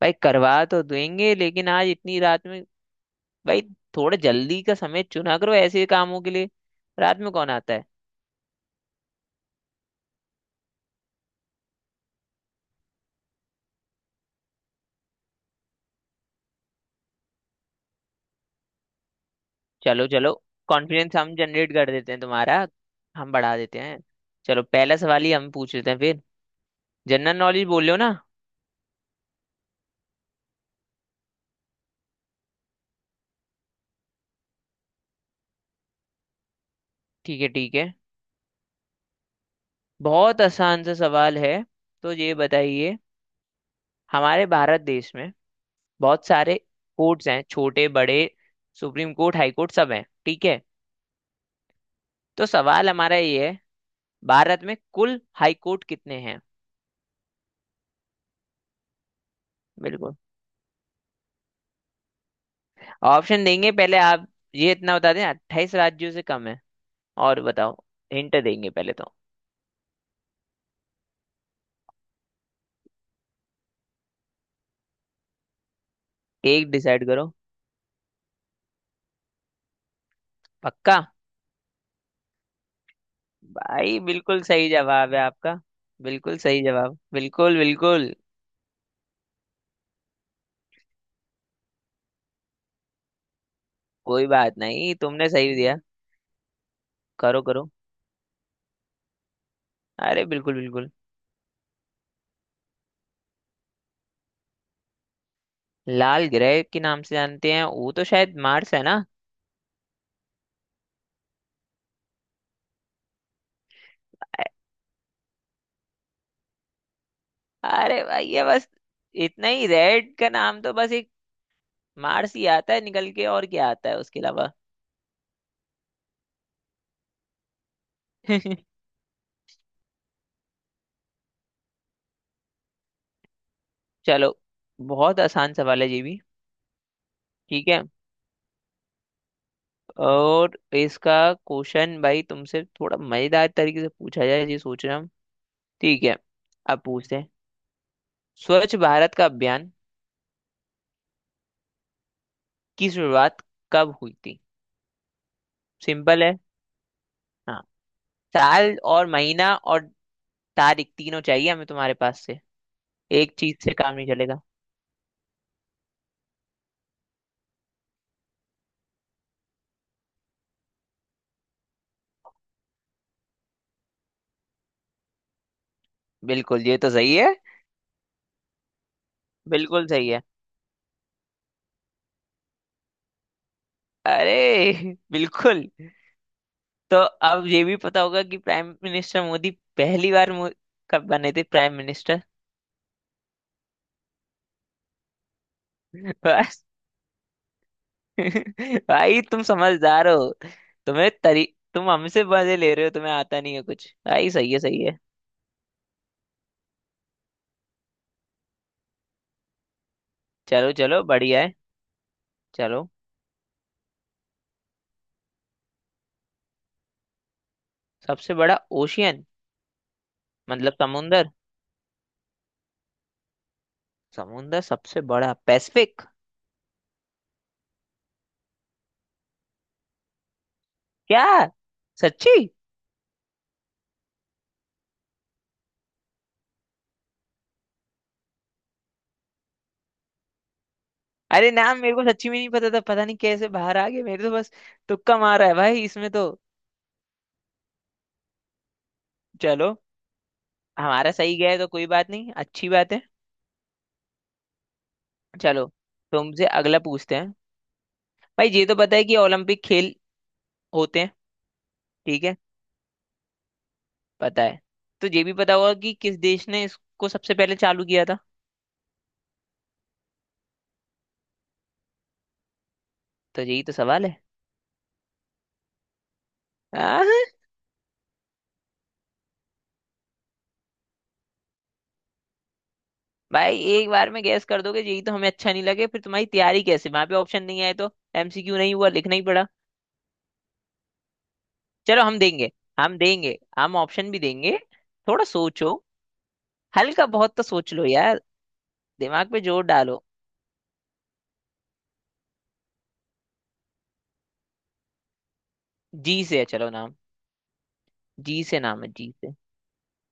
भाई करवा तो देंगे लेकिन आज इतनी रात में भाई, थोड़ा जल्दी का समय चुना करो ऐसे कामों के लिए। रात में कौन आता है। चलो चलो कॉन्फिडेंस हम जनरेट कर देते हैं तुम्हारा। हम बढ़ा देते हैं। चलो पहला सवाल ही हम पूछ लेते हैं फिर। जनरल नॉलेज बोल रहे हो ना? ठीक है। बहुत आसान सा सवाल है, तो ये बताइए। हमारे भारत देश में बहुत सारे कोर्ट्स हैं छोटे बड़े। सुप्रीम कोर्ट, हाई कोर्ट सब हैं, ठीक है। तो सवाल हमारा ये है, भारत में कुल हाई कोर्ट कितने हैं। बिल्कुल। ऑप्शन देंगे पहले आप। ये इतना बता दें, अट्ठाईस राज्यों से कम है। और बताओ। हिंट देंगे पहले तो। एक डिसाइड करो। पक्का? भाई बिल्कुल सही जवाब है आपका। बिल्कुल सही जवाब, बिल्कुल बिल्कुल। कोई बात नहीं, तुमने सही दिया। करो करो। अरे बिल्कुल बिल्कुल। लाल ग्रह के नाम से जानते हैं वो तो, शायद मार्स है ना। अ- अरे भाई, ये बस इतना ही। रेड का नाम तो बस एक मार्स ही आता है निकल के, और क्या आता है उसके अलावा। चलो, बहुत आसान सवाल है ये भी। ठीक है। और इसका क्वेश्चन भाई तुमसे थोड़ा मजेदार तरीके से पूछा जाए, ये सोच रहा हूँ। ठीक है, अब पूछते हैं। स्वच्छ भारत का अभियान की शुरुआत कब हुई थी। सिंपल है। हाँ, साल और महीना और तारीख तीनों चाहिए हमें तुम्हारे पास से। एक चीज से काम नहीं चलेगा। बिल्कुल, ये तो सही है। बिल्कुल सही है। अरे बिल्कुल। तो अब ये भी पता होगा कि प्राइम मिनिस्टर मोदी पहली बार कब बने थे प्राइम मिनिस्टर। बस। भाई तुम समझदार हो। तुम्हें तरी तुम हमसे मजे ले रहे हो, तुम्हें आता नहीं है कुछ। भाई सही है सही है। चलो चलो बढ़िया है। चलो, सबसे बड़ा ओशियन मतलब समुंदर। समुंदर सबसे बड़ा पैसिफिक। क्या? सच्ची? अरे नाम मेरे को सच्ची में नहीं पता था, पता नहीं कैसे बाहर आ गए मेरे तो। बस तुक्का मारा है भाई इसमें तो। चलो, हमारा सही गया है, तो कोई बात नहीं अच्छी बात है। चलो, तुमसे अगला पूछते हैं। भाई ये तो पता है कि ओलंपिक खेल होते हैं। ठीक है, पता है। तो ये भी पता होगा कि किस देश ने इसको सबसे पहले चालू किया था। तो यही तो सवाल है। आह, भाई एक बार में गैस कर दोगे, यही तो हमें अच्छा नहीं लगे। फिर तुम्हारी तैयारी कैसे, वहां पे ऑप्शन नहीं आए तो? एमसीक्यू नहीं हुआ, लिखना ही पड़ा। चलो हम देंगे। हम देंगे, हम ऑप्शन भी देंगे। थोड़ा सोचो। हल्का बहुत तो सोच लो यार। दिमाग पे जोर डालो। जी से है, चलो नाम जी से। नाम है जी से।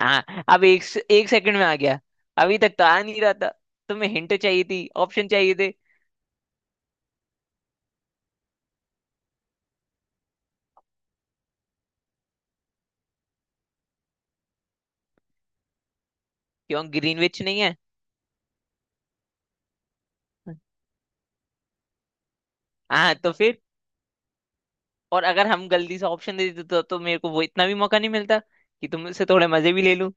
हाँ, अब एक। एक सेकंड में आ गया, अभी तक तो आ नहीं रहा था। तुम्हें हिंट चाहिए थी, ऑप्शन चाहिए थे। क्यों, ग्रीनविच नहीं है? हाँ तो फिर। और अगर हम जल्दी से ऑप्शन दे देते तो मेरे को वो इतना भी मौका नहीं मिलता कि तुमसे थोड़े मजे भी ले लूं।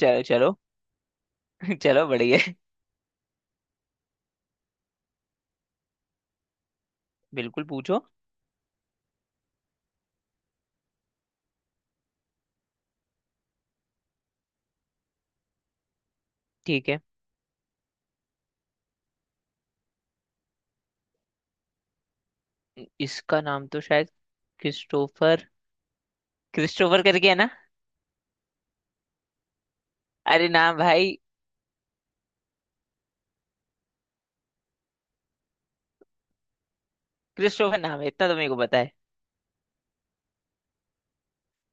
चलो चलो चलो बढ़िया है। बिल्कुल, पूछो। ठीक है। इसका नाम तो शायद क्रिस्टोफर, करके है ना? अरे ना भाई। क्रिस्टोफर नाम है, इतना तो मेरे को पता है।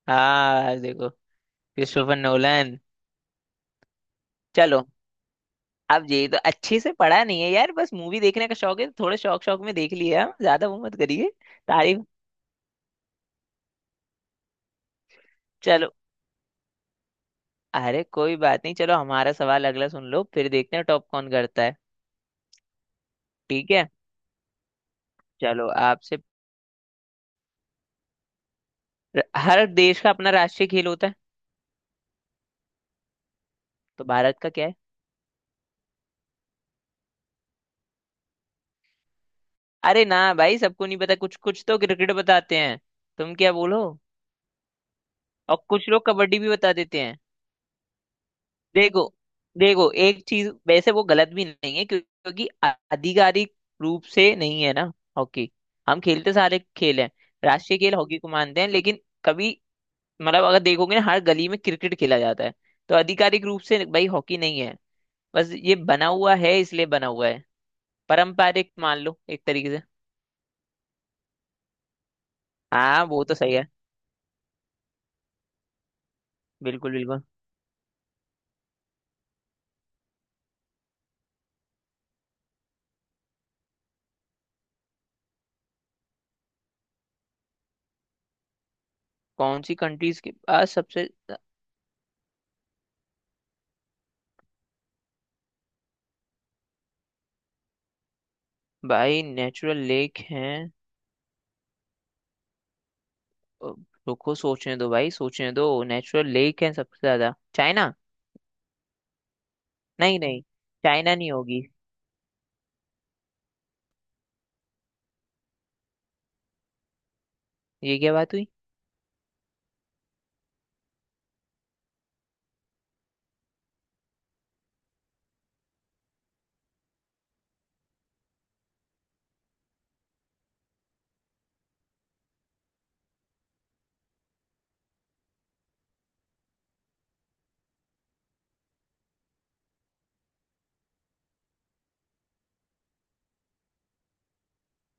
हाँ देखो, क्रिस्टोफर नोलन। चलो, अब ये तो अच्छे से पढ़ा नहीं है यार, बस मूवी देखने का शौक है। थोड़े शौक शौक में देख लिया, ज्यादा वो मत करिए तारीफ। चलो, अरे कोई बात नहीं। चलो हमारा सवाल अगला सुन लो, फिर देखते हैं टॉप कौन करता है। ठीक है, चलो आपसे। हर देश का अपना राष्ट्रीय खेल होता है, तो भारत का क्या है? अरे ना भाई, सबको नहीं पता। कुछ कुछ तो क्रिकेट बताते हैं। तुम क्या बोलो। और कुछ लोग कबड्डी भी बता देते हैं। देखो, देखो एक चीज, वैसे वो गलत भी नहीं है। क्योंकि आधिकारिक रूप से नहीं है ना हॉकी। हम खेलते सारे खेल हैं। राष्ट्रीय खेल हॉकी को मानते हैं, लेकिन कभी मतलब अगर देखोगे ना हर गली में क्रिकेट खेला जाता है। तो आधिकारिक रूप से भाई हॉकी नहीं है, बस ये बना हुआ है, इसलिए बना हुआ है। पारंपरिक मान लो एक तरीके से। हाँ वो तो सही है। बिल्कुल बिल्कुल। कौन सी कंट्रीज के पास सबसे भाई नेचुरल लेक है। अ, रुको सोचने दो भाई, सोचने दो। नेचुरल लेक है सबसे ज्यादा चाइना। नहीं नहीं, चाइना नहीं होगी। ये क्या बात हुई।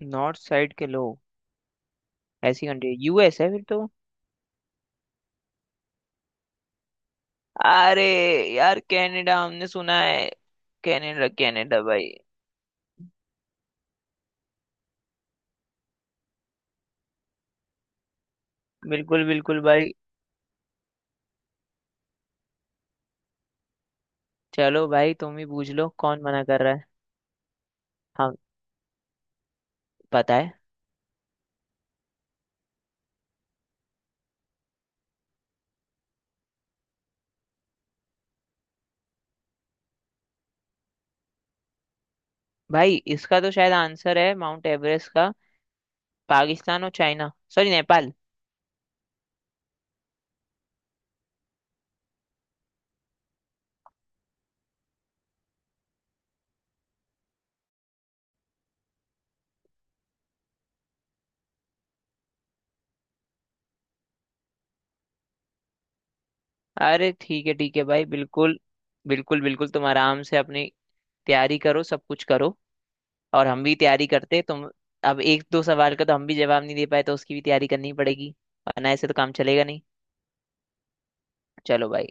नॉर्थ साइड के लोग। ऐसी कंट्री यूएस है फिर तो। अरे यार, कनाडा हमने सुना है। कनाडा, कनाडा भाई। बिल्कुल बिल्कुल भाई। चलो भाई, तुम ही पूछ लो, कौन मना कर रहा है। हम, पता है। भाई इसका तो शायद आंसर है माउंट एवरेस्ट का, पाकिस्तान और चाइना, सॉरी नेपाल। अरे ठीक है भाई, बिल्कुल। बिल्कुल, बिल्कुल तुम आराम से अपनी तैयारी करो, सब कुछ करो। और हम भी तैयारी करते तुम। अब एक दो सवाल का तो हम भी जवाब नहीं दे पाए, तो उसकी भी तैयारी करनी पड़ेगी। वरना ऐसे तो काम चलेगा नहीं। चलो भाई।